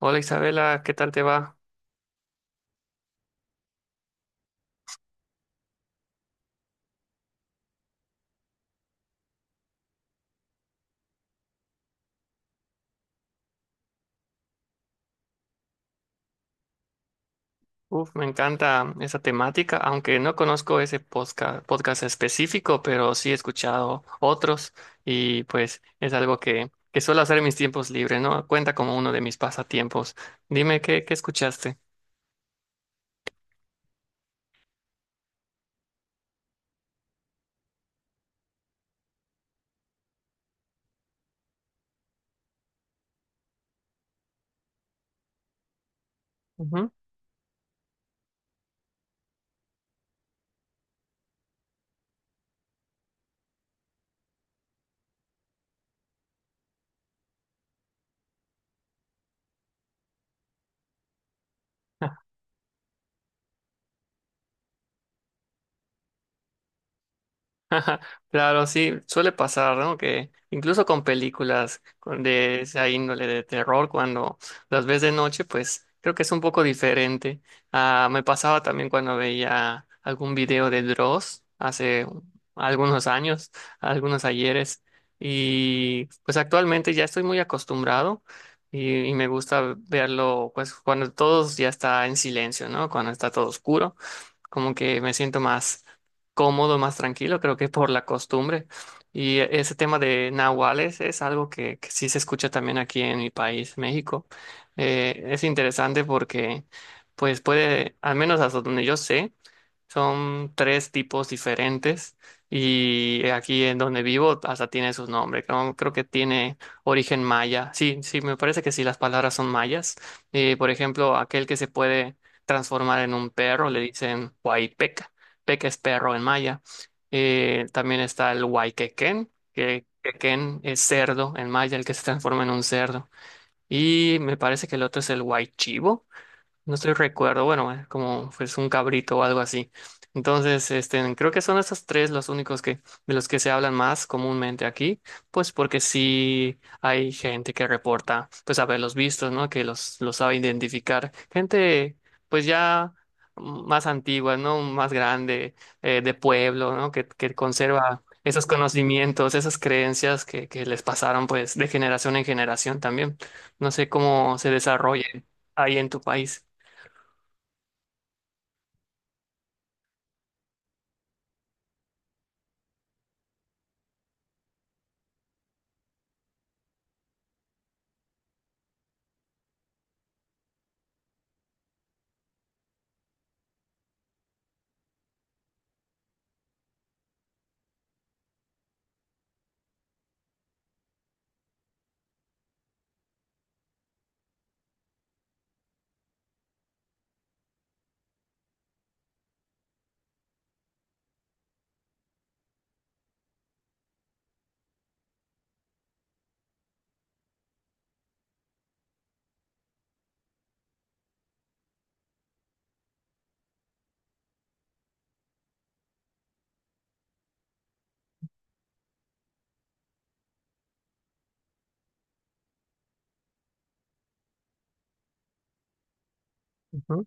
Hola Isabela, ¿qué tal te va? Uf, me encanta esa temática, aunque no conozco ese podcast, específico, pero sí he escuchado otros y pues es algo que suelo hacer en mis tiempos libres, ¿no? Cuenta como uno de mis pasatiempos. Dime, ¿qué escuchaste? Ujú. Claro, sí, suele pasar, ¿no? Que incluso con películas de esa índole de terror, cuando las ves de noche, pues creo que es un poco diferente. Ah, me pasaba también cuando veía algún video de Dross hace algunos años, algunos ayeres, y pues actualmente ya estoy muy acostumbrado y me gusta verlo, pues cuando todos ya está en silencio, ¿no? Cuando está todo oscuro como que me siento más cómodo, más tranquilo, creo que por la costumbre. Y ese tema de nahuales es algo que sí se escucha también aquí en mi país, México. Es interesante porque, pues puede, al menos hasta donde yo sé, son tres tipos diferentes y aquí en donde vivo hasta tiene sus nombres. Creo que tiene origen maya. Sí, sí, me parece que sí, las palabras son mayas. Por ejemplo, aquel que se puede transformar en un perro le dicen huaypeca. Peca es perro en maya. También está el huayquequén, que quequén es cerdo en maya, el que se transforma en un cerdo. Y me parece que el otro es el huaychivo no estoy recuerdo, bueno, como pues un cabrito o algo así. Entonces, este, creo que son esos tres los únicos que, de los que se hablan más comúnmente aquí, pues porque sí hay gente que reporta, pues haberlos visto, ¿no? Que los sabe identificar. Gente, pues ya más antigua, ¿no? Más grande, de pueblo, ¿no? Que conserva esos conocimientos, esas creencias que les pasaron, pues, de generación en generación también. No sé cómo se desarrolle ahí en tu país. Ujú,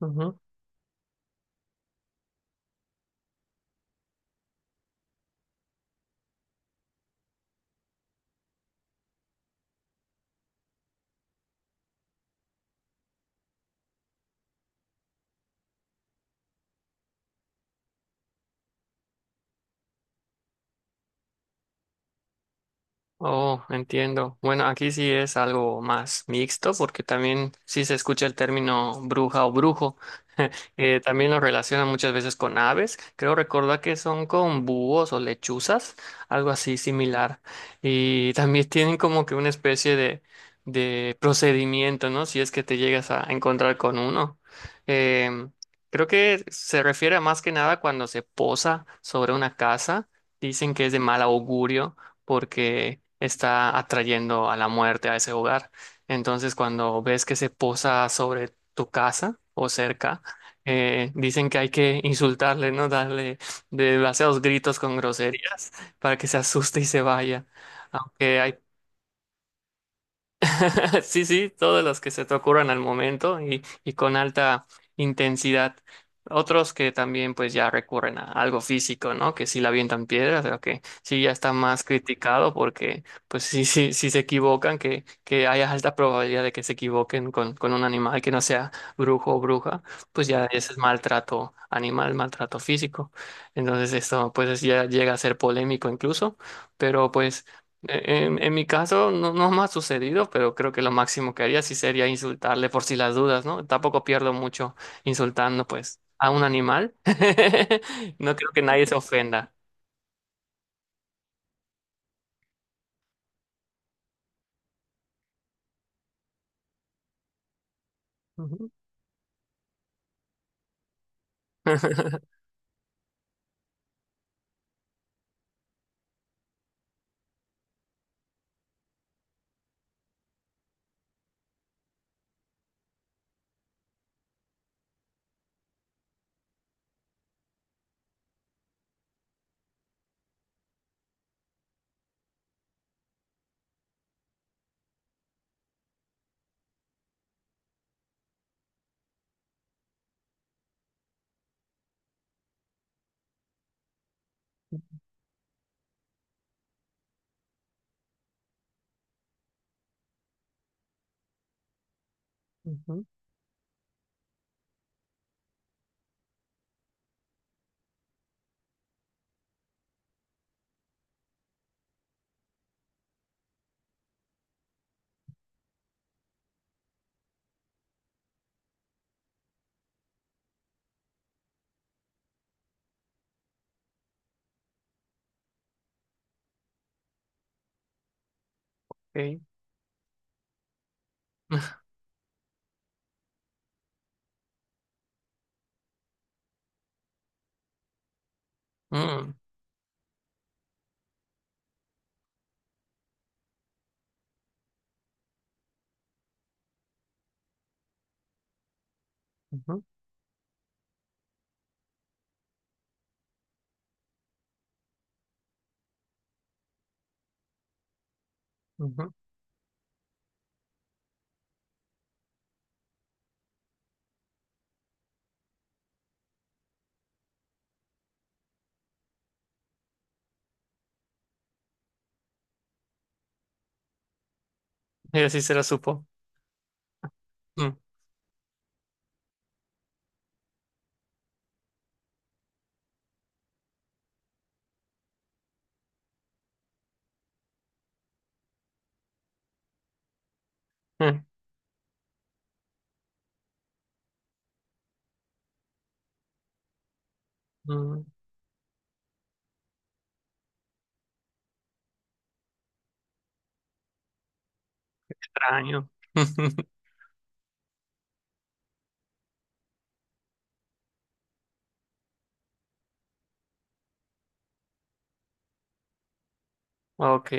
ujú. Oh, entiendo. Bueno, aquí sí es algo más mixto porque también sí se escucha el término bruja o brujo. También lo relacionan muchas veces con aves. Creo recordar que son con búhos o lechuzas, algo así similar. Y también tienen como que una especie de procedimiento, ¿no? Si es que te llegas a encontrar con uno. Em, Creo que se refiere a más que nada cuando se posa sobre una casa. Dicen que es de mal augurio porque está atrayendo a la muerte a ese hogar. Entonces, cuando ves que se posa sobre tu casa o cerca, dicen que hay que insultarle, ¿no? Darle demasiados gritos con groserías para que se asuste y se vaya. Aunque hay Sí, sí, todos los que se te ocurran al momento y con alta intensidad. Otros que también pues ya recurren a algo físico, ¿no? Que sí la avientan piedras, pero que sí ya está más criticado porque pues sí, sí, sí se equivocan, que haya alta probabilidad de que se equivoquen con un animal que no sea brujo o bruja, pues ya ese es maltrato animal, maltrato físico. Entonces esto pues ya llega a ser polémico incluso, pero pues... En mi caso no, no me ha sucedido, pero creo que lo máximo que haría sí sería insultarle por si las dudas, ¿no? Tampoco pierdo mucho insultando pues a un animal. No creo que nadie se ofenda. Ujú. Ujú, ok. Mm, ujú, ujú. Ella sí se lo supo. Mm, mm, mm, extraño. Ok,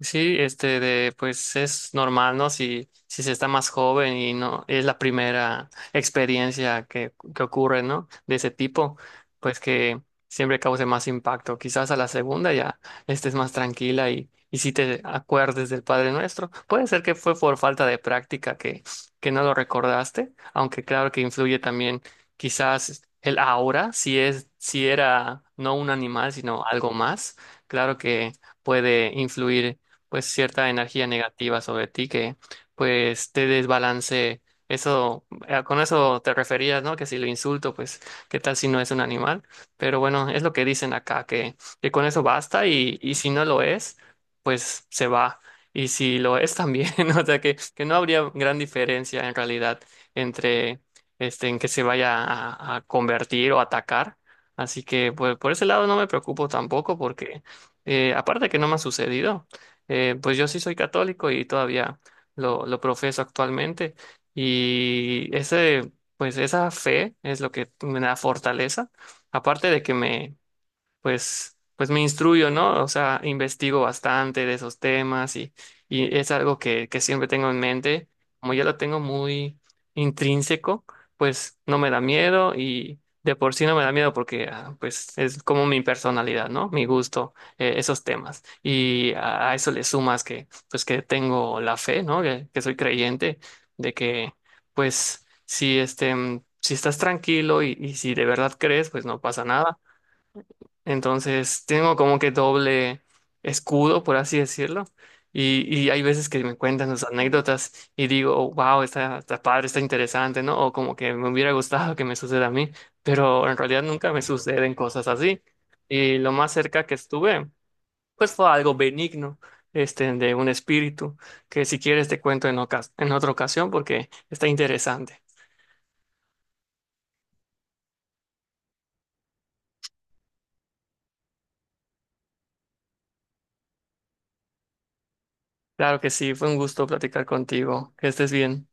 sí, este de pues es normal, ¿no? Si, si se está más joven y no es la primera experiencia que ocurre, ¿no? De ese tipo, pues que siempre cause más impacto. Quizás a la segunda ya estés más tranquila y si te acuerdes del Padre Nuestro. Puede ser que fue por falta de práctica que no lo recordaste, aunque claro que influye también quizás el ahora, si es, si era no un animal, sino algo más. Claro que puede influir pues cierta energía negativa sobre ti que pues te desbalance. Eso, con eso te referías, ¿no? Que si lo insulto, pues, ¿qué tal si no es un animal? Pero bueno, es lo que dicen acá, que con eso basta y si no lo es, pues se va. Y si lo es también, o sea que no habría gran diferencia en realidad entre este, en que se vaya a convertir o atacar. Así que pues por ese lado no me preocupo tampoco porque aparte que no me ha sucedido, pues yo sí soy católico y todavía lo profeso actualmente y ese, pues esa fe es lo que me da fortaleza, aparte de que me, pues, pues me instruyo, ¿no? O sea, investigo bastante de esos temas y es algo que siempre tengo en mente. Como ya lo tengo muy intrínseco, pues no me da miedo y de por sí no me da miedo porque ah, pues es como mi personalidad, ¿no? Mi gusto, esos temas. Y a eso le sumas que pues que tengo la fe, ¿no? Que soy creyente de que pues si este... Si estás tranquilo y si de verdad crees, pues no pasa nada entonces tengo como que doble escudo, por así decirlo. Y hay veces que me cuentan sus anécdotas y digo, wow, está, está padre, está interesante, ¿no? O como que me hubiera gustado que me suceda a mí, pero en realidad nunca me suceden cosas así. Y lo más cerca que estuve, pues fue algo benigno, este, de un espíritu, que si quieres te cuento en en otra ocasión porque está interesante. Claro que sí, fue un gusto platicar contigo. Que estés bien.